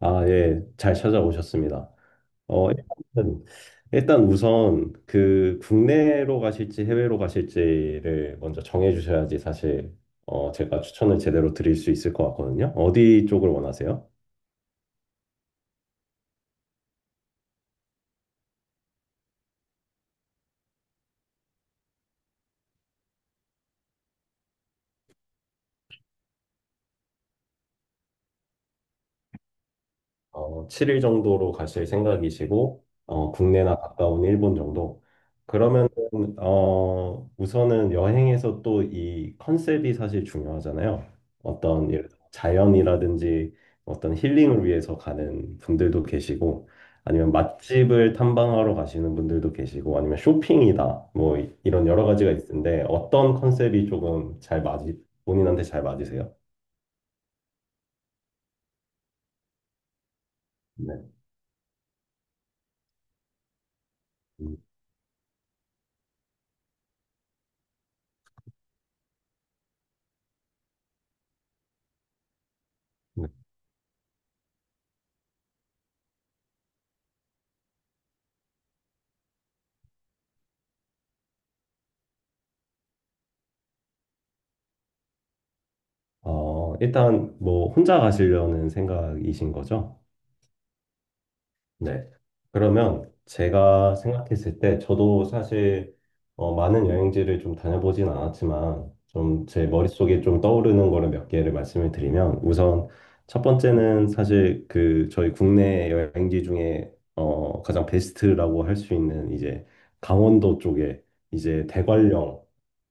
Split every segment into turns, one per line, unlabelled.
아, 예, 잘 찾아오셨습니다. 일단, 우선 그 국내로 가실지 해외로 가실지를 먼저 정해 주셔야지 사실 제가 추천을 제대로 드릴 수 있을 것 같거든요. 어디 쪽을 원하세요? 7일 정도로 가실 생각이시고, 국내나 가까운 일본 정도. 그러면, 우선은 여행에서 또 이 컨셉이 사실 중요하잖아요. 어떤, 예를 들어 자연이라든지 어떤 힐링을 위해서 가는 분들도 계시고, 아니면 맛집을 탐방하러 가시는 분들도 계시고, 아니면 쇼핑이다. 뭐, 이런 여러 가지가 있는데, 어떤 컨셉이 조금 잘 맞이, 본인한테 잘 맞으세요? 네. 음. 어, 일단 뭐 혼자 가시려는 생각이신 거죠? 네. 그러면 제가 생각했을 때 저도 사실 많은 여행지를 좀 다녀보진 않았지만 좀 제 머릿속에 좀 떠오르는 거를 몇 개를 말씀을 드리면 우선 첫 번째는 사실 그 저희 국내 여행지 중에 가장 베스트라고 할 수 있는 이제 강원도 쪽에 이제 대관령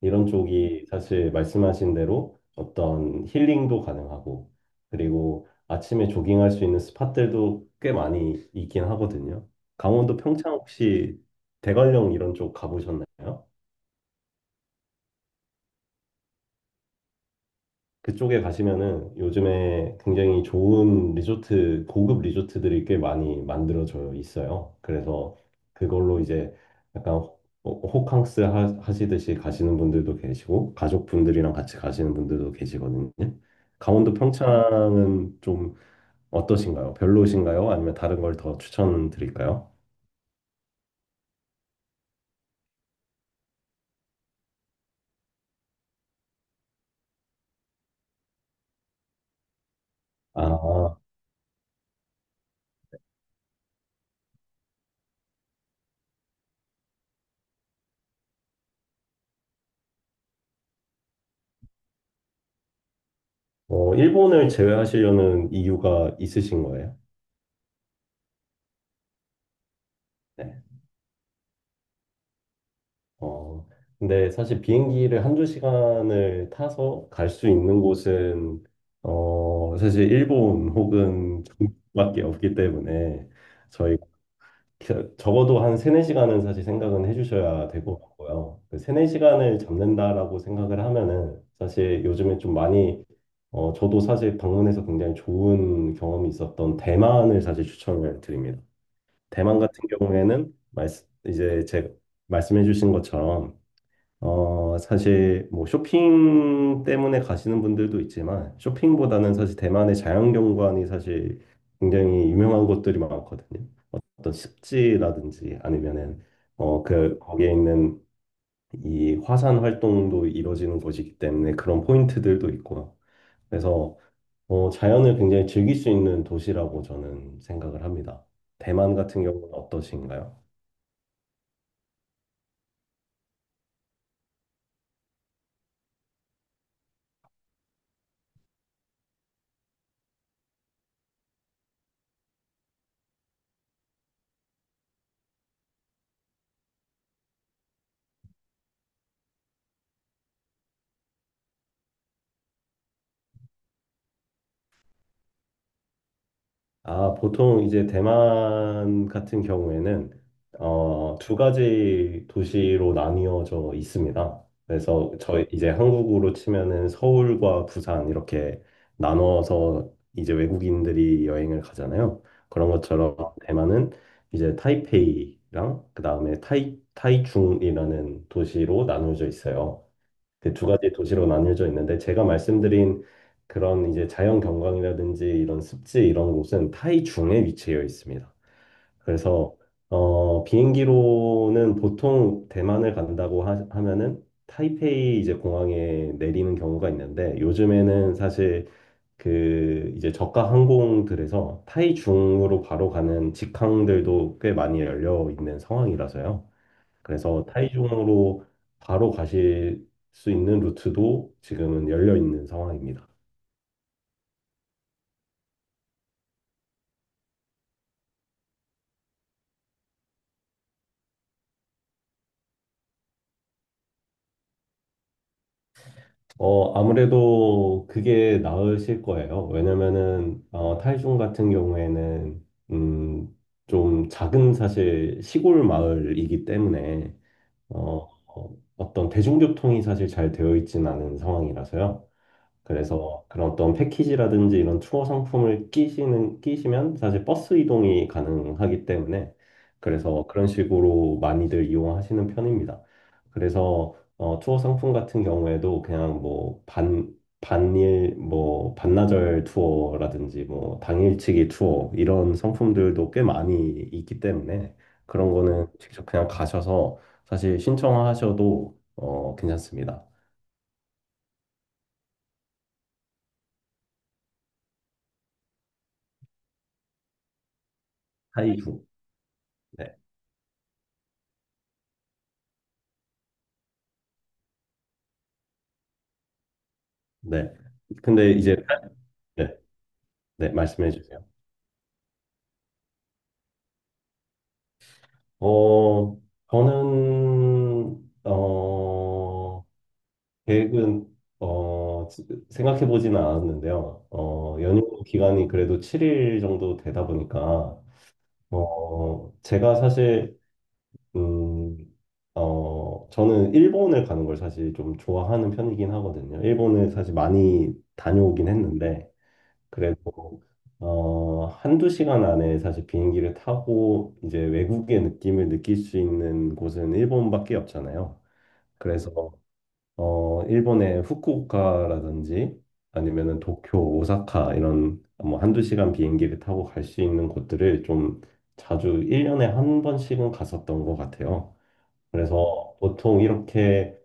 이런 쪽이 사실 말씀하신 대로 어떤 힐링도 가능하고, 그리고 아침에 조깅할 수 있는 스팟들도 꽤 많이 있긴 하거든요. 강원도 평창 혹시 대관령 이런 쪽 가보셨나요? 그쪽에 가시면은 요즘에 굉장히 좋은 리조트, 고급 리조트들이 꽤 많이 만들어져 있어요. 그래서 그걸로 이제 약간 호캉스 하시듯이 가시는 분들도 계시고, 가족분들이랑 같이 가시는 분들도 계시거든요. 강원도 평창은 좀 어떠신가요? 별로신가요? 아니면 다른 걸 더 추천드릴까요? 아, 일본을 제외하시려는 이유가 있으신 거예요? 네. 어, 근데 사실 비행기를 한 두 시간을 타서 갈 수 있는 곳은, 사실 일본 혹은 중국밖에 없기 때문에 저희 적어도 한 세네 시간은 사실 생각은 해주셔야 될 것 같고요. 그 세네 시간을 잡는다라고 생각을 하면은 사실 요즘에 좀 많이 저도 사실 방문해서 굉장히 좋은 경험이 있었던 대만을 사실 추천을 드립니다. 대만 같은 경우에는 말씀 이제 제 말씀해 주신 것처럼 어 사실 뭐 쇼핑 때문에 가시는 분들도 있지만 쇼핑보다는 사실 대만의 자연경관이 사실 굉장히 유명한 곳들이 많거든요. 어떤 습지라든지 아니면은 어그 거기에 있는 이 화산 활동도 이루어지는 곳이기 때문에 그런 포인트들도 있고요. 그래서 어 자연을 굉장히 즐길 수 있는 도시라고 저는 생각을 합니다. 대만 같은 경우는 어떠신가요? 아, 보통 이제 대만 같은 경우에는 두 가지 도시로 나뉘어져 있습니다. 그래서 저희 이제 한국으로 치면은 서울과 부산 이렇게 나눠서 이제 외국인들이 여행을 가잖아요. 그런 것처럼 대만은 이제 타이페이랑 그다음에 타이중이라는 도시로 나누어져 있어요. 그 두 가지 도시로 나뉘어져 있는데 제가 말씀드린 그런 이제 자연 경관이라든지 이런 습지 이런 곳은 타이 중에 위치해 있습니다. 그래서 어, 비행기로는 보통 대만을 간다고 하면은 타이페이 이제 공항에 내리는 경우가 있는데 요즘에는 사실 그 이제 저가 항공들에서 타이중으로 바로 가는 직항들도 꽤 많이 열려 있는 상황이라서요. 그래서 타이중으로 바로 가실 수 있는 루트도 지금은 열려 있는 상황입니다. 어, 아무래도 그게 나으실 거예요. 왜냐면은, 타이중 같은 경우에는, 좀 작은 사실 시골 마을이기 때문에, 어떤 대중교통이 사실 잘 되어 있진 않은 상황이라서요. 그래서 그런 어떤 패키지라든지 이런 투어 상품을 끼시면 사실 버스 이동이 가능하기 때문에 그래서 그런 식으로 많이들 이용하시는 편입니다. 그래서 투어 상품 같은 경우에도 그냥 뭐 반일, 뭐 반나절 투어라든지 뭐 당일치기 투어 이런 상품들도 꽤 많이 있기 때문에 그런 거는 직접 그냥 가셔서 사실 신청하셔도 괜찮습니다. 하이주. 네. 근데 이제 네, 네, 말씀해 주세요. 어, 저는 어 계획은 어 생각해 보지는 않았는데요. 어 연휴 기간이 그래도 7일 정도 되다 보니까 어 제가 사실 음 어 저는 일본을 가는 걸 사실 좀 좋아하는 편이긴 하거든요. 일본을 사실 많이 다녀오긴 했는데 그래도 한두 시간 안에 사실 비행기를 타고 이제 외국의 느낌을 느낄 수 있는 곳은 일본밖에 없잖아요. 그래서 일본의 후쿠오카라든지 아니면은 도쿄, 오사카 이런 뭐 한두 시간 비행기를 타고 갈 수 있는 곳들을 좀 자주 1년에 한 번씩은 갔었던 것 같아요. 그래서 보통 이렇게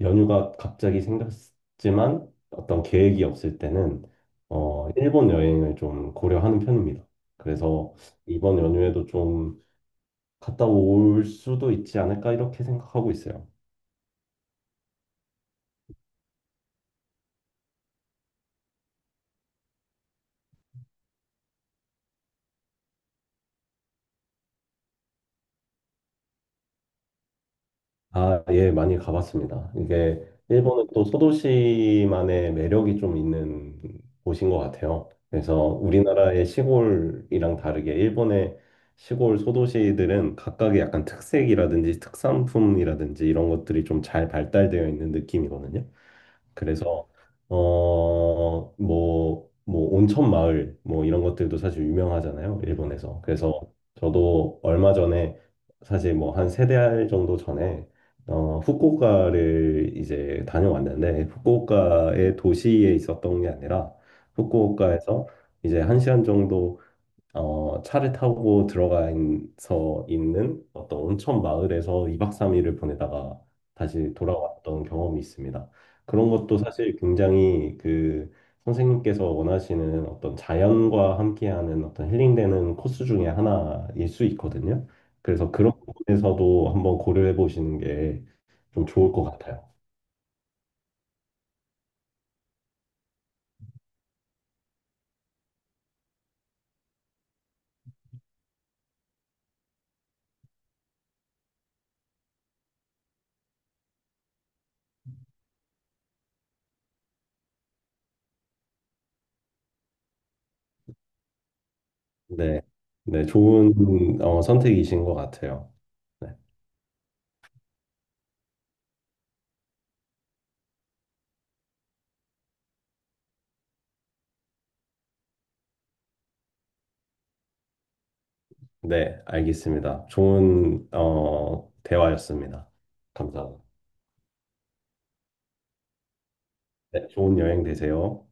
연휴가 갑자기 생겼지만 어떤 계획이 없을 때는 일본 여행을 좀 고려하는 편입니다. 그래서 이번 연휴에도 좀 갔다 올 수도 있지 않을까 이렇게 생각하고 있어요. 아, 예, 많이 가봤습니다. 이게 일본은 또 소도시만의 매력이 좀 있는 곳인 것 같아요. 그래서 우리나라의 시골이랑 다르게 일본의 시골 소도시들은 각각의 약간 특색이라든지 특산품이라든지 이런 것들이 좀 잘 발달되어 있는 느낌이거든요. 그래서 어, 뭐 온천 마을 뭐 이런 것들도 사실 유명하잖아요, 일본에서. 그래서 저도 얼마 전에 사실 뭐 한 세 달 정도 전에 후쿠오카를 이제 다녀왔는데 후쿠오카의 도시에 있었던 게 아니라 후쿠오카에서 이제 한 시간 정도 차를 타고 들어가서 있는 어떤 온천 마을에서 2박 3일을 보내다가 다시 돌아왔던 경험이 있습니다. 그런 것도 사실 굉장히 그 선생님께서 원하시는 어떤 자연과 함께하는 어떤 힐링되는 코스 중에 하나일 수 있거든요. 그래서 그런 부분에서도 한번 고려해 보시는 게 좀 좋을 것 같아요. 네, 네, 좋은 선택이신 것 같아요. 네. 네, 알겠습니다. 좋은 대화였습니다. 감사합니다. 네, 좋은 여행 되세요.